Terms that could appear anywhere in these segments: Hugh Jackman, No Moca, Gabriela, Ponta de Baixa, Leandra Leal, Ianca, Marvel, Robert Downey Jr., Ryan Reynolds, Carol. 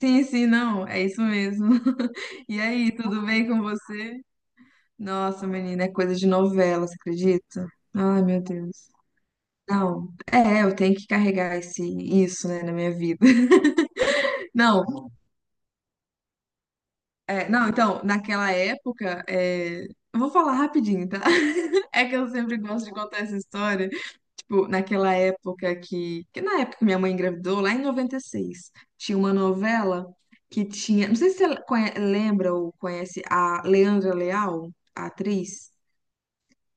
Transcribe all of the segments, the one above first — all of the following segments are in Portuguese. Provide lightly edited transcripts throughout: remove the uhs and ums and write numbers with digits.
Sim, sim, não, é isso mesmo. E aí, tudo bem com você? Nossa, menina, é coisa de novela, você acredita? Ai, meu Deus. Não, é, eu tenho que carregar isso, né, na minha vida. Não, é, não, então, naquela época, é, eu vou falar rapidinho, tá? É que eu sempre gosto de contar essa história. Tipo, naquela época que na época que minha mãe engravidou, lá em 96, tinha uma novela que tinha, não sei se você lembra ou conhece a Leandra Leal, a atriz.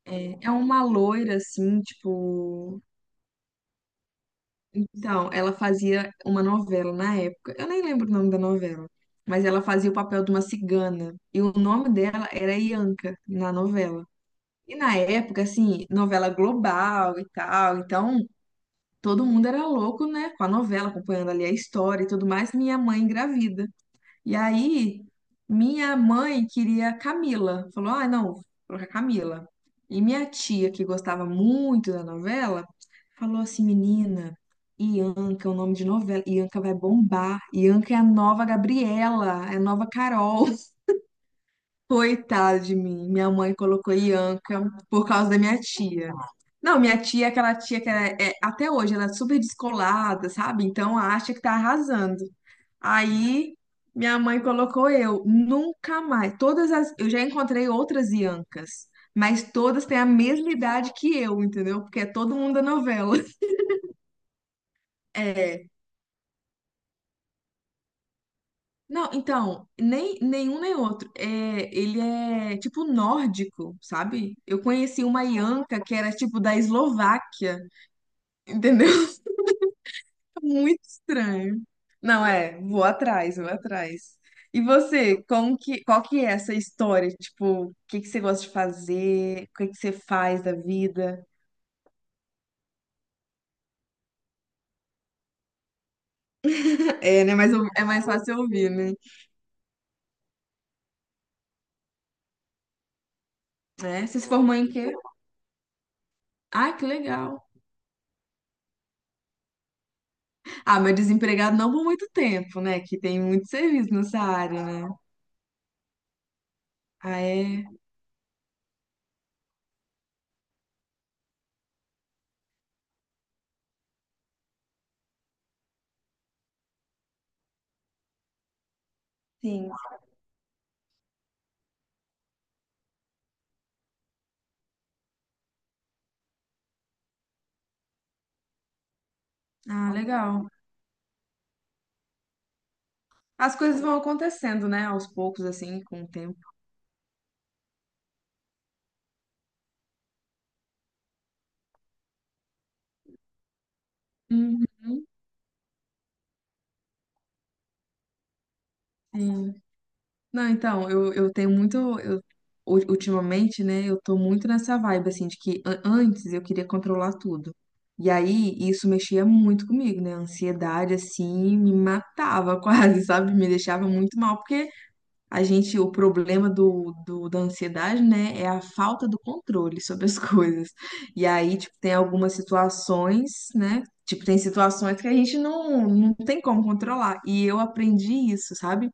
É, é uma loira assim, tipo, então, ela fazia uma novela na época. Eu nem lembro o nome da novela, mas ela fazia o papel de uma cigana. E o nome dela era Ianca na novela. E na época, assim, novela global e tal. Então, todo mundo era louco, né? Com a novela, acompanhando ali a história e tudo mais. Minha mãe engravida. E aí, minha mãe queria Camila. Falou: ah, não, vou colocar Camila. E minha tia, que gostava muito da novela, falou assim: menina, Ianca é o nome de novela. Ianca vai bombar. Ianca é a nova Gabriela, é a nova Carol. Coitada de mim. Minha mãe colocou Ianca por causa da minha tia. Não, minha tia é aquela tia que até hoje ela é super descolada, sabe? Então acha que tá arrasando. Aí minha mãe colocou eu, nunca mais. Todas as, eu já encontrei outras Iancas, mas todas têm a mesma idade que eu, entendeu? Porque é todo mundo da novela. É. Não, então, nem nenhum nem outro. É, ele é tipo nórdico, sabe? Eu conheci uma Ianca que era tipo da Eslováquia, entendeu? Muito estranho. Não é, vou atrás, vou atrás. E você, como que, qual que é essa história? Tipo, o que que você gosta de fazer? O que que você faz da vida? É, né? Mas é mais fácil ouvir, né? É, você se formou em quê? Ah, que legal. Ah, mas desempregado não por muito tempo, né? Que tem muito serviço nessa área, né? Ah, é? Sim. Ah, legal. As coisas vão acontecendo, né? Aos poucos, assim, com o tempo. Uhum. Sim. Não, então, eu tenho muito. Ultimamente, né, eu tô muito nessa vibe, assim, de que antes eu queria controlar tudo. E aí, isso mexia muito comigo, né? A ansiedade, assim, me matava quase, sabe? Me deixava muito mal, porque a gente, o problema da ansiedade, né, é a falta do controle sobre as coisas. E aí, tipo, tem algumas situações, né? Tipo, tem situações que a gente não tem como controlar. E eu aprendi isso, sabe?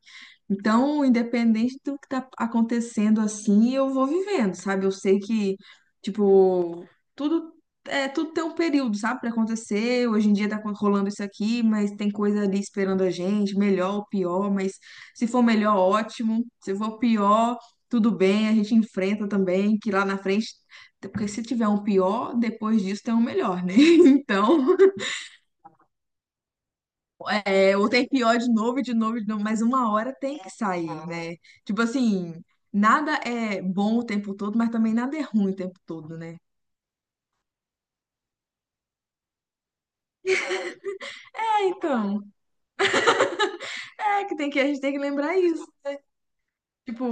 Então, independente do que tá acontecendo assim, eu vou vivendo, sabe? Eu sei que, tipo, tudo tudo tem um período, sabe, para acontecer. Hoje em dia tá rolando isso aqui, mas tem coisa ali esperando a gente, melhor ou pior, mas se for melhor, ótimo. Se for pior, tudo bem, a gente enfrenta também, que lá na frente, porque se tiver um pior, depois disso tem um melhor, né? Então, é, ou tem pior de novo, e de novo, e de novo, mas uma hora tem que sair, né? Tipo assim, nada é bom o tempo todo, mas também nada é ruim o tempo todo, né? É, então, é que tem que a gente tem que lembrar isso. Tipo,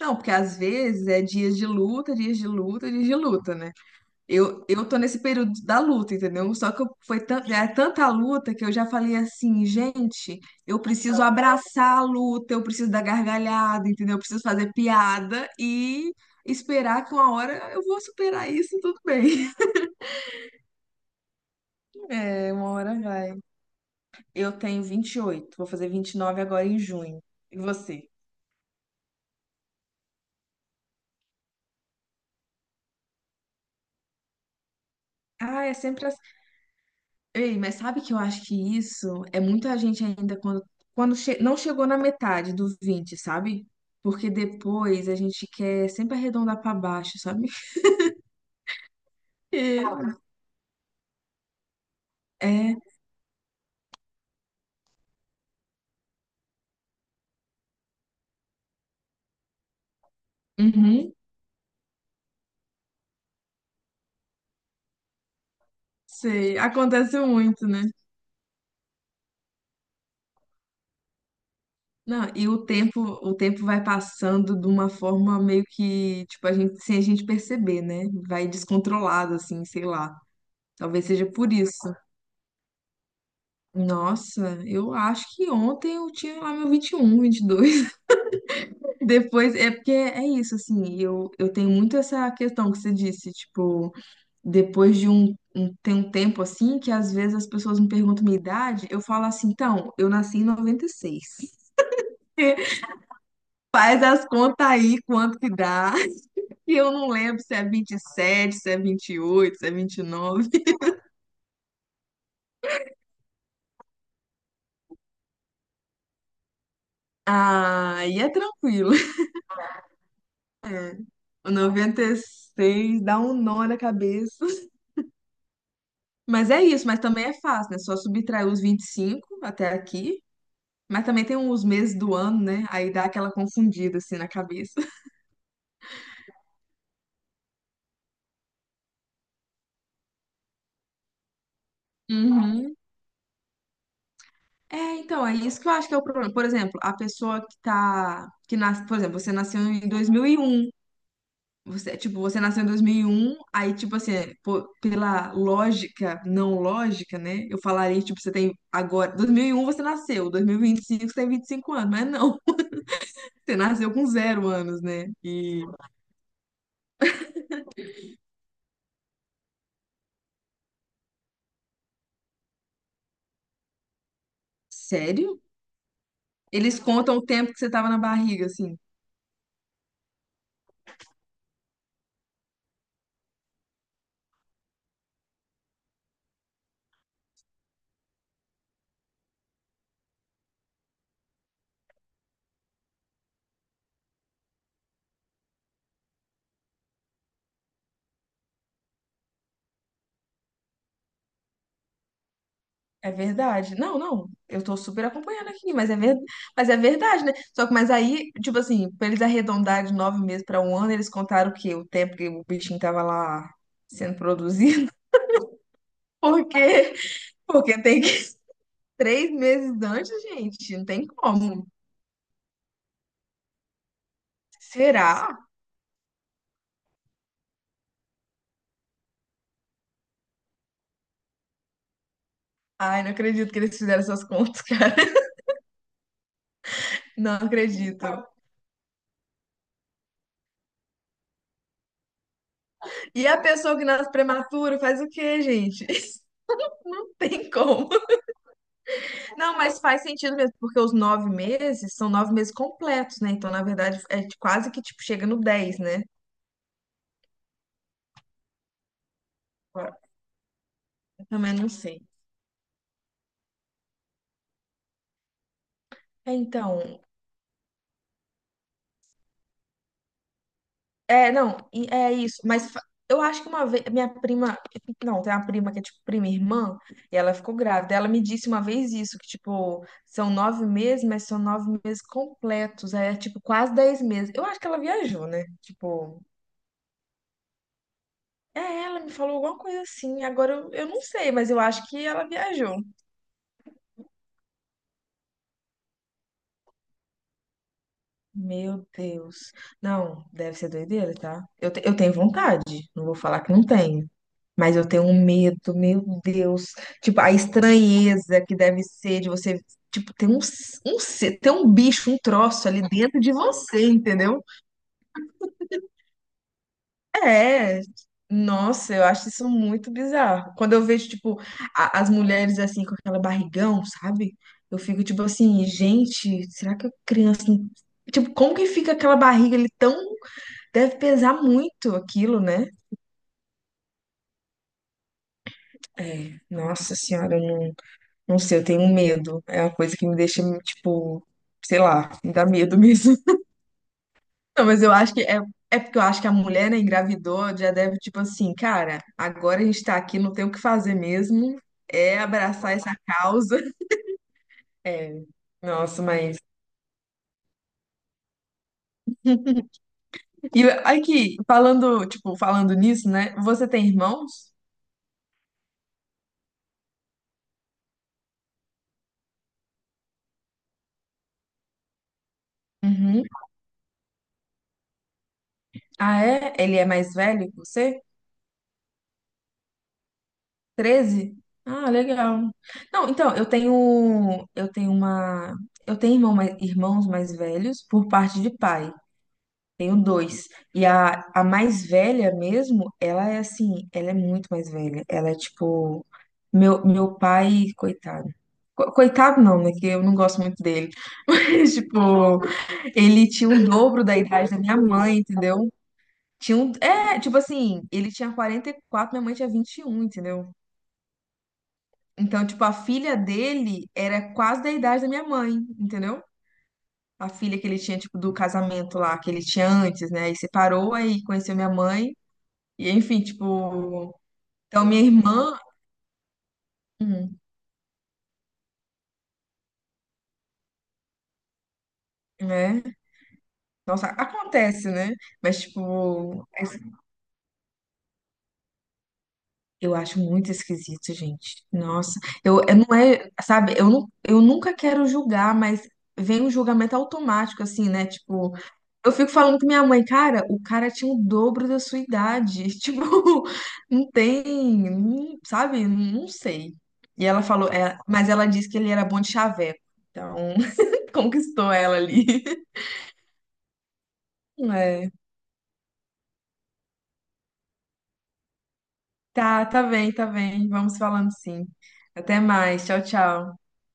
não, porque às vezes é dias de luta, dias de luta, dias de luta, né? Eu tô nesse período da luta, entendeu? Só que eu- foi tan- é tanta luta que eu já falei assim, gente, eu preciso abraçar a luta, eu preciso dar gargalhada, entendeu? Eu preciso fazer piada e esperar que uma hora eu vou superar isso e tudo bem. É, uma hora vai. Eu tenho 28, vou fazer 29 agora em junho. E você? Ah, é sempre ei, mas sabe que eu acho que isso é muita gente ainda não chegou na metade dos vinte, sabe? Porque depois a gente quer sempre arredondar pra baixo, sabe? É, é, uhum, sei, acontece muito, né? Não, e o tempo vai passando de uma forma meio que, tipo, a gente, sem a gente perceber, né? Vai descontrolado, assim, sei lá. Talvez seja por isso. Nossa, eu acho que ontem eu tinha lá meu um 21, dois depois, é porque é isso, assim, eu tenho muito essa questão que você disse, tipo, depois tem um tempo assim, que às vezes as pessoas me perguntam minha idade, eu falo assim, então, eu nasci em 96. Faz as contas aí quanto que dá, e eu não lembro se é 27, se é 28, se é 29. Ah, e é tranquilo. É, o 96 dá um nó na cabeça. Mas é isso, mas também é fácil, né? Só subtrair os 25 até aqui. Mas também tem os meses do ano, né? Aí dá aquela confundida assim na cabeça. Uhum. É, então, é isso que eu acho que é o problema. Por exemplo, a pessoa que tá, que nasce, por exemplo, você nasceu em 2001, você, tipo, você nasceu em dois mil e um, aí tipo assim, pô, pela lógica, não lógica, né? Eu falaria, tipo, você tem agora, 2001 você nasceu, dois mil e 25, você tem 25 anos, mas não, você nasceu com zero anos, né? E sério? Eles contam o tempo que você tava na barriga, assim. É verdade. Não, não, eu tô super acompanhando aqui, mas é verdade, né? Só que, mas aí, tipo assim, pra eles arredondarem de 9 meses pra um ano, eles contaram o quê? O tempo que o bichinho tava lá sendo produzido? Porque, porque tem que 3 meses antes, gente, não tem como. Será? Ai, não acredito que eles fizeram essas contas, cara. Não acredito. E a pessoa que nasce prematura faz o quê, gente? Não tem como. Não, mas faz sentido mesmo, porque os 9 meses são 9 meses completos, né? Então, na verdade, é quase que tipo chega no 10, né? Eu também não sei. É, então, é, não, é isso. Eu acho que uma vez, minha prima, não, tem uma prima que é tipo prima e irmã, e ela ficou grávida. Ela me disse uma vez isso, que tipo, são 9 meses, mas são 9 meses completos. Aí é tipo quase 10 meses. Eu acho que ela viajou, né? Tipo, é, ela me falou alguma coisa assim. Agora eu não sei, mas eu acho que ela viajou. Meu Deus. Não, deve ser doideira, tá? Eu tenho vontade, não vou falar que não tenho. Mas eu tenho um medo, meu Deus. Tipo, a estranheza que deve ser de você, tipo, ter um bicho, um troço ali dentro de você, entendeu? É. Nossa, eu acho isso muito bizarro. Quando eu vejo, tipo, as mulheres assim, com aquela barrigão, sabe? Eu fico, tipo assim, gente, será que a criança. Tipo, como que fica aquela barriga ali tão. Deve pesar muito aquilo, né? É, nossa senhora, eu não, não sei, eu tenho medo. É uma coisa que me deixa, tipo, sei lá, me dá medo mesmo. Não, mas eu acho que é, é porque eu acho que a mulher, né, engravidou, já deve, tipo assim, cara, agora a gente tá aqui, não tem o que fazer mesmo. É abraçar essa causa. É, nossa, mas. E aqui, falando, tipo, falando nisso, né? Você tem irmãos? Uhum. Ah, é? Ele é mais velho que você? 13. Ah, legal. Não, então, eu tenho irmãos mais velhos por parte de pai. Tenho dois. E a mais velha mesmo, ela é assim, ela é muito mais velha. Ela é tipo meu pai, coitado. Coitado não, né? Que eu não gosto muito dele. Mas, tipo, ele tinha o dobro da idade da minha mãe, entendeu? É, tipo assim, ele tinha 44, minha mãe tinha 21, entendeu? Então, tipo, a filha dele era quase da idade da minha mãe, entendeu? A filha que ele tinha, tipo, do casamento lá, que ele tinha antes, né? E separou, aí conheceu minha mãe. E, enfim, tipo... Então, minha irmã... Hum, né? Nossa, acontece, né? Mas, tipo... Eu acho muito esquisito, gente. Nossa, eu não é, sabe, eu, não, eu nunca quero julgar, mas vem um julgamento automático, assim, né? Tipo, eu fico falando com minha mãe, cara, o cara tinha o dobro da sua idade. Tipo, não tem, não- sabe? Não sei. E ela falou, é, mas ela disse que ele era bom de chaveco. Então, conquistou ela ali. É. Tá, tá bem, tá bem. Vamos falando sim. Até mais. Tchau, tchau.